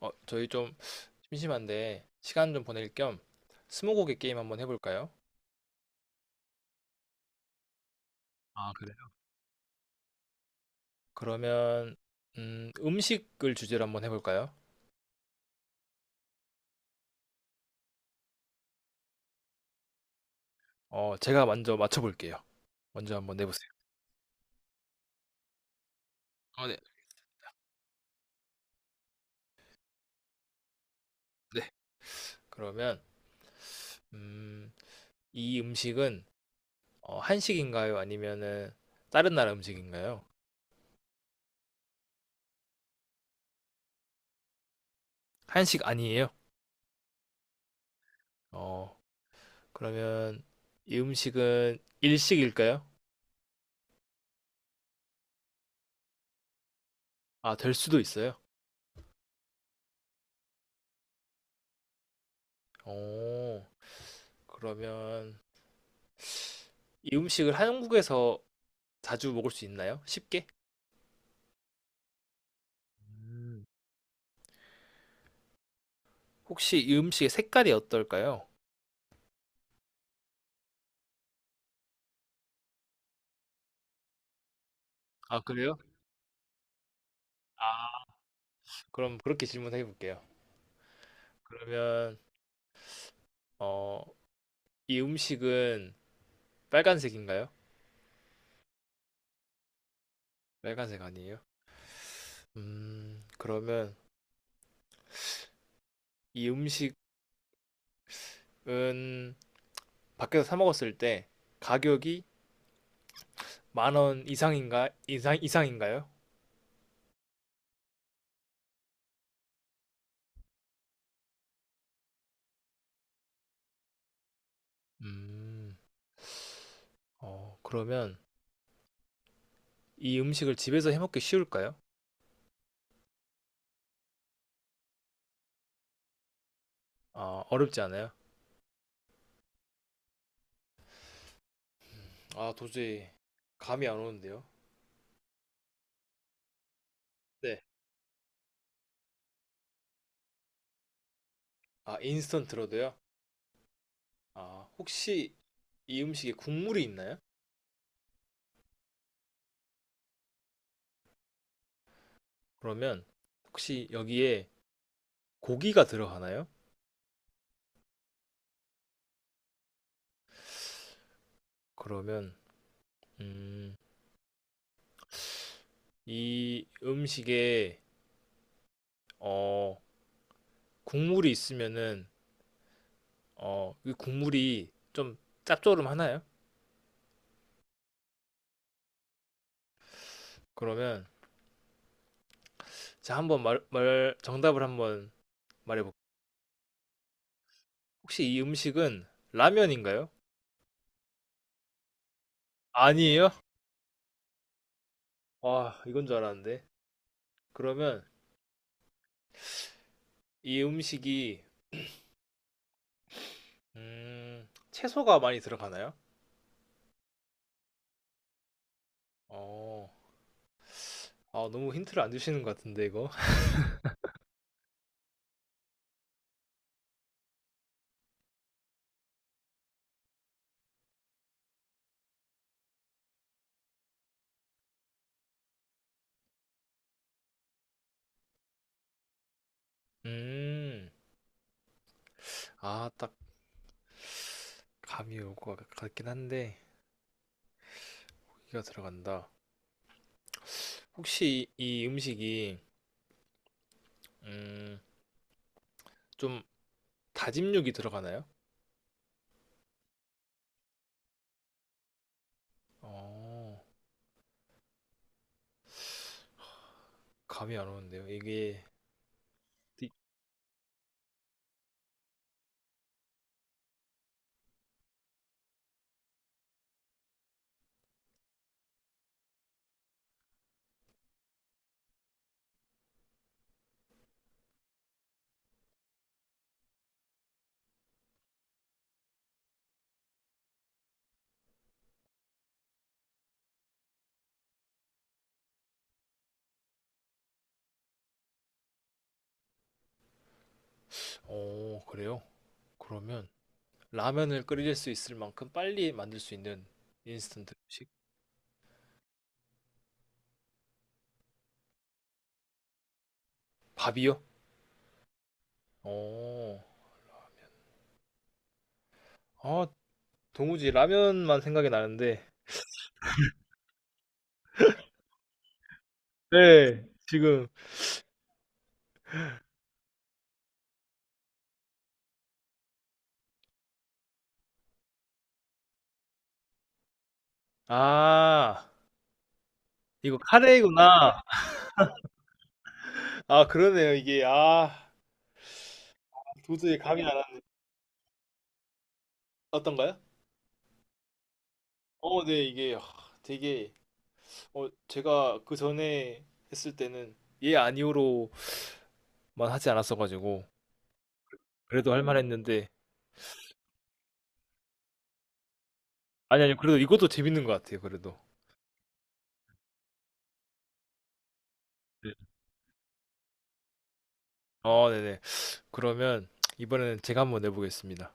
저희 좀 심심한데 시간 좀 보낼 겸 스무고개 게임 한번 해볼까요? 아, 그래요? 그러면 음식을 주제로 한번 해볼까요? 제가 먼저 맞춰볼게요. 먼저 한번 내보세요. 아, 네. 네. 그러면 음, 이 음식은 한식인가요? 아니면은 다른 나라 음식인가요? 한식 아니에요? 어, 그러면 이 음식은 일식일까요? 아, 될 수도 있어요. 어, 그러면 이 음식을 한국에서 자주 먹을 수 있나요? 쉽게? 음. 혹시 이 음식의 색깔이 어떨까요? 아, 그래요? 아, 그럼 그렇게 질문해 볼게요. 그러면 어, 이 음식은 빨간색인가요? 빨간색 아니에요? 그러면 이 음식은 밖에서 사 먹었을 때 가격이 10,000원 이상인가요? 음, 그러면 이 음식을 집에서 해 먹기 쉬울까요? 아, 어렵지 않아요? 아, 도저히 감이 안 오는데요. 네. 아, 인스턴트로도요? 아, 혹시 이 음식에 국물이 있나요? 그러면 혹시 여기에 고기가 들어가나요? 그러면 음, 이 음식에 어, 국물이 있으면은 이 국물이 좀 짭조름하나요? 그러면 자 한번 말 정답을 한번 말해볼게요. 혹시 이 음식은 라면인가요? 아니에요? 와, 이건 줄 알았는데. 그러면 이 음식이 채소가 많이 들어가나요? 어, 아, 너무 힌트를 안 주시는 것 같은데, 이거? 음, 아, 딱 감이 올 것 같긴 한데, 고기가 들어간다. 혹시 이 음식이, 음, 좀 다짐육이 들어가나요? 어, 감이 안 오는데요. 이게, 디- 그래요? 그러면 라면을 끓일 수 있을 만큼 빨리 만들 수 있는 인스턴트 음식? 밥이요? 어, 아, 도무지 라면만 생각이 나는데, 네, 지금, 아, 이거 카레이구나. 아, 그러네요. 이게, 아, 도저히 감이 안 왔- 어떤가요? 어, 네, 이게 아, 되게, 제가 그 전에 했을 때는 예, 아니오로만 하지 않았어가지고, 그래도 할 만했는데, 아니, 아니, 그래도 이것도 재밌는 것 같아요, 그래도. 네. 어, 네네. 그러면 이번에는 제가 한번 내보겠습니다.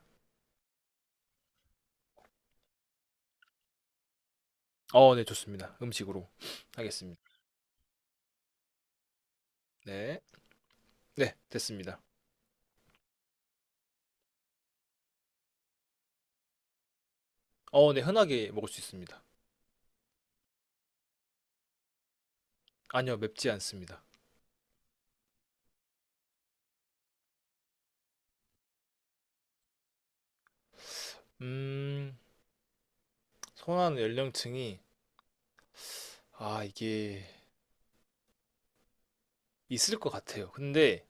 어, 네, 좋습니다. 음식으로 하겠습니다. 네. 네, 됐습니다. 어, 네, 흔하게 먹을 수 있습니다. 아니요, 맵지 않습니다. 음, 선호하는 연령층이 아, 이게 있을 것 같아요. 근데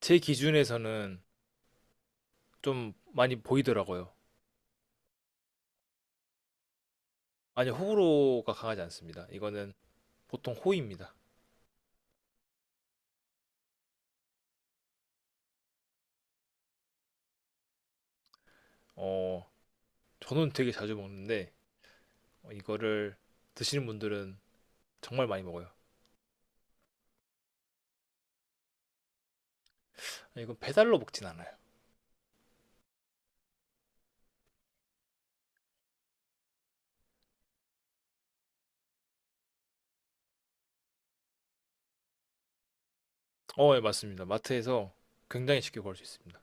제 기준에서는 좀 많이 보이더라고요. 아니, 호불호가 강하지 않습니다. 이거는 보통 호입니다. 어, 저는 되게 자주 먹는데 이거를 드시는 분들은 정말 많이 먹어요. 아니, 이건 배달로 먹진 않아요. 어, 예, 맞습니다. 마트에서 굉장히 쉽게 구할 수 있습니다.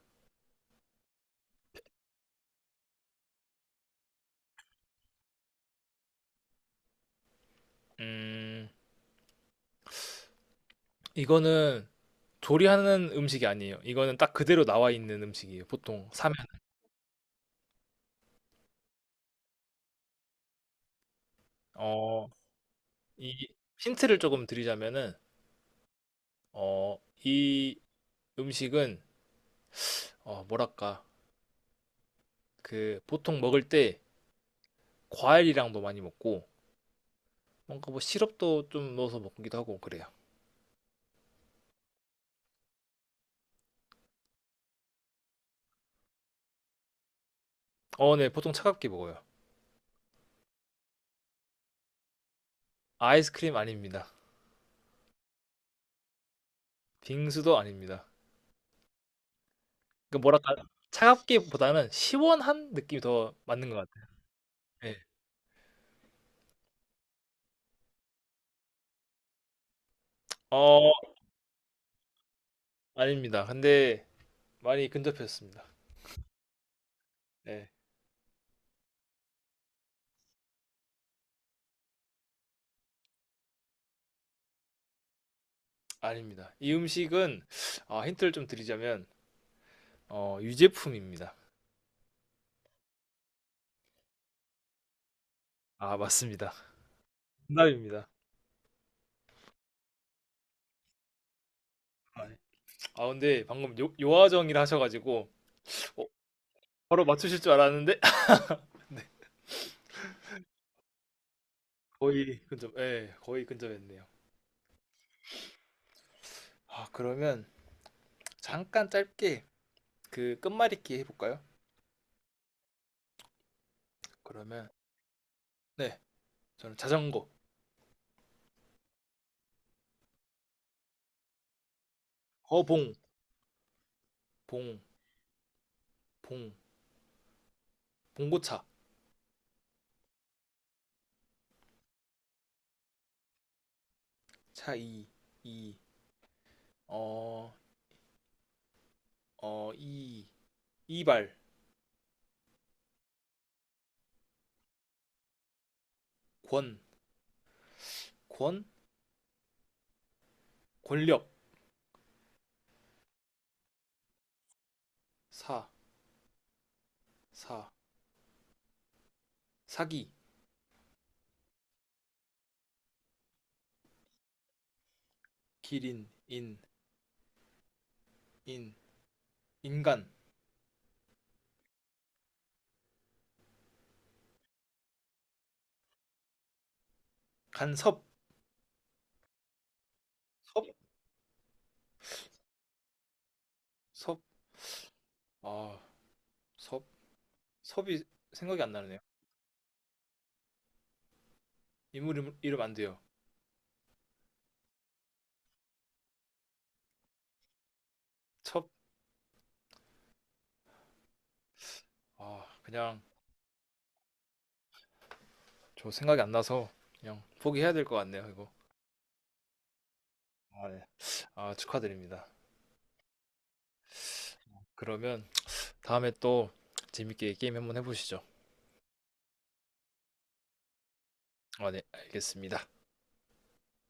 음, 이거는 조리하는 음식이 아니에요. 이거는 딱 그대로 나와 있는 음식이에요. 보통 사면. 어, 이 힌트를 조금 드리자면은 어, 이 음식은 어, 뭐랄까 그 보통 먹을 때 과일이랑도 많이 먹고 뭔가 뭐 시럽도 좀 넣어서 먹기도 하고 그래요. 어, 네, 보통 차갑게 먹어요. 아이스크림 아닙니다. 빙수도 아닙니다. 그 뭐랄까 차갑기보다는 시원한 느낌이 더 맞는 것 같아요. 네. 어, 아닙니다. 근데 많이 근접했습니다. 네, 아닙니다. 이 음식은 아, 힌트를 좀 드리자면 어, 유제품입니다. 아, 맞습니다. 정답입니다. 아, 네. 아, 근데 방금 요하정이라 하셔가지고 어, 바로 맞추실 줄 알았는데 네, 거의 근접, 예, 거의 근접했네요. 아, 그러면 잠깐 짧게 그 끝말잇기 해볼까요? 그러면 네, 저는 자전거. 거봉. 봉 봉 봉고차. 차이. 이어어이. 이발. 권 권 권력. 사 사 사기. 기린. 인 인 인간. 간섭. 섭섭아섭 섭이 생각이 안 나네요. 인물 이름, 이름 안 돼요. 첩? 아, 그냥 저 생각이 안 나서 그냥 포기해야 될 것 같네요, 이거. 아, 네. 아, 축하드립니다. 그러면 다음에 또 재밌게 게임 한번 해보시죠. 아, 네, 알겠습니다.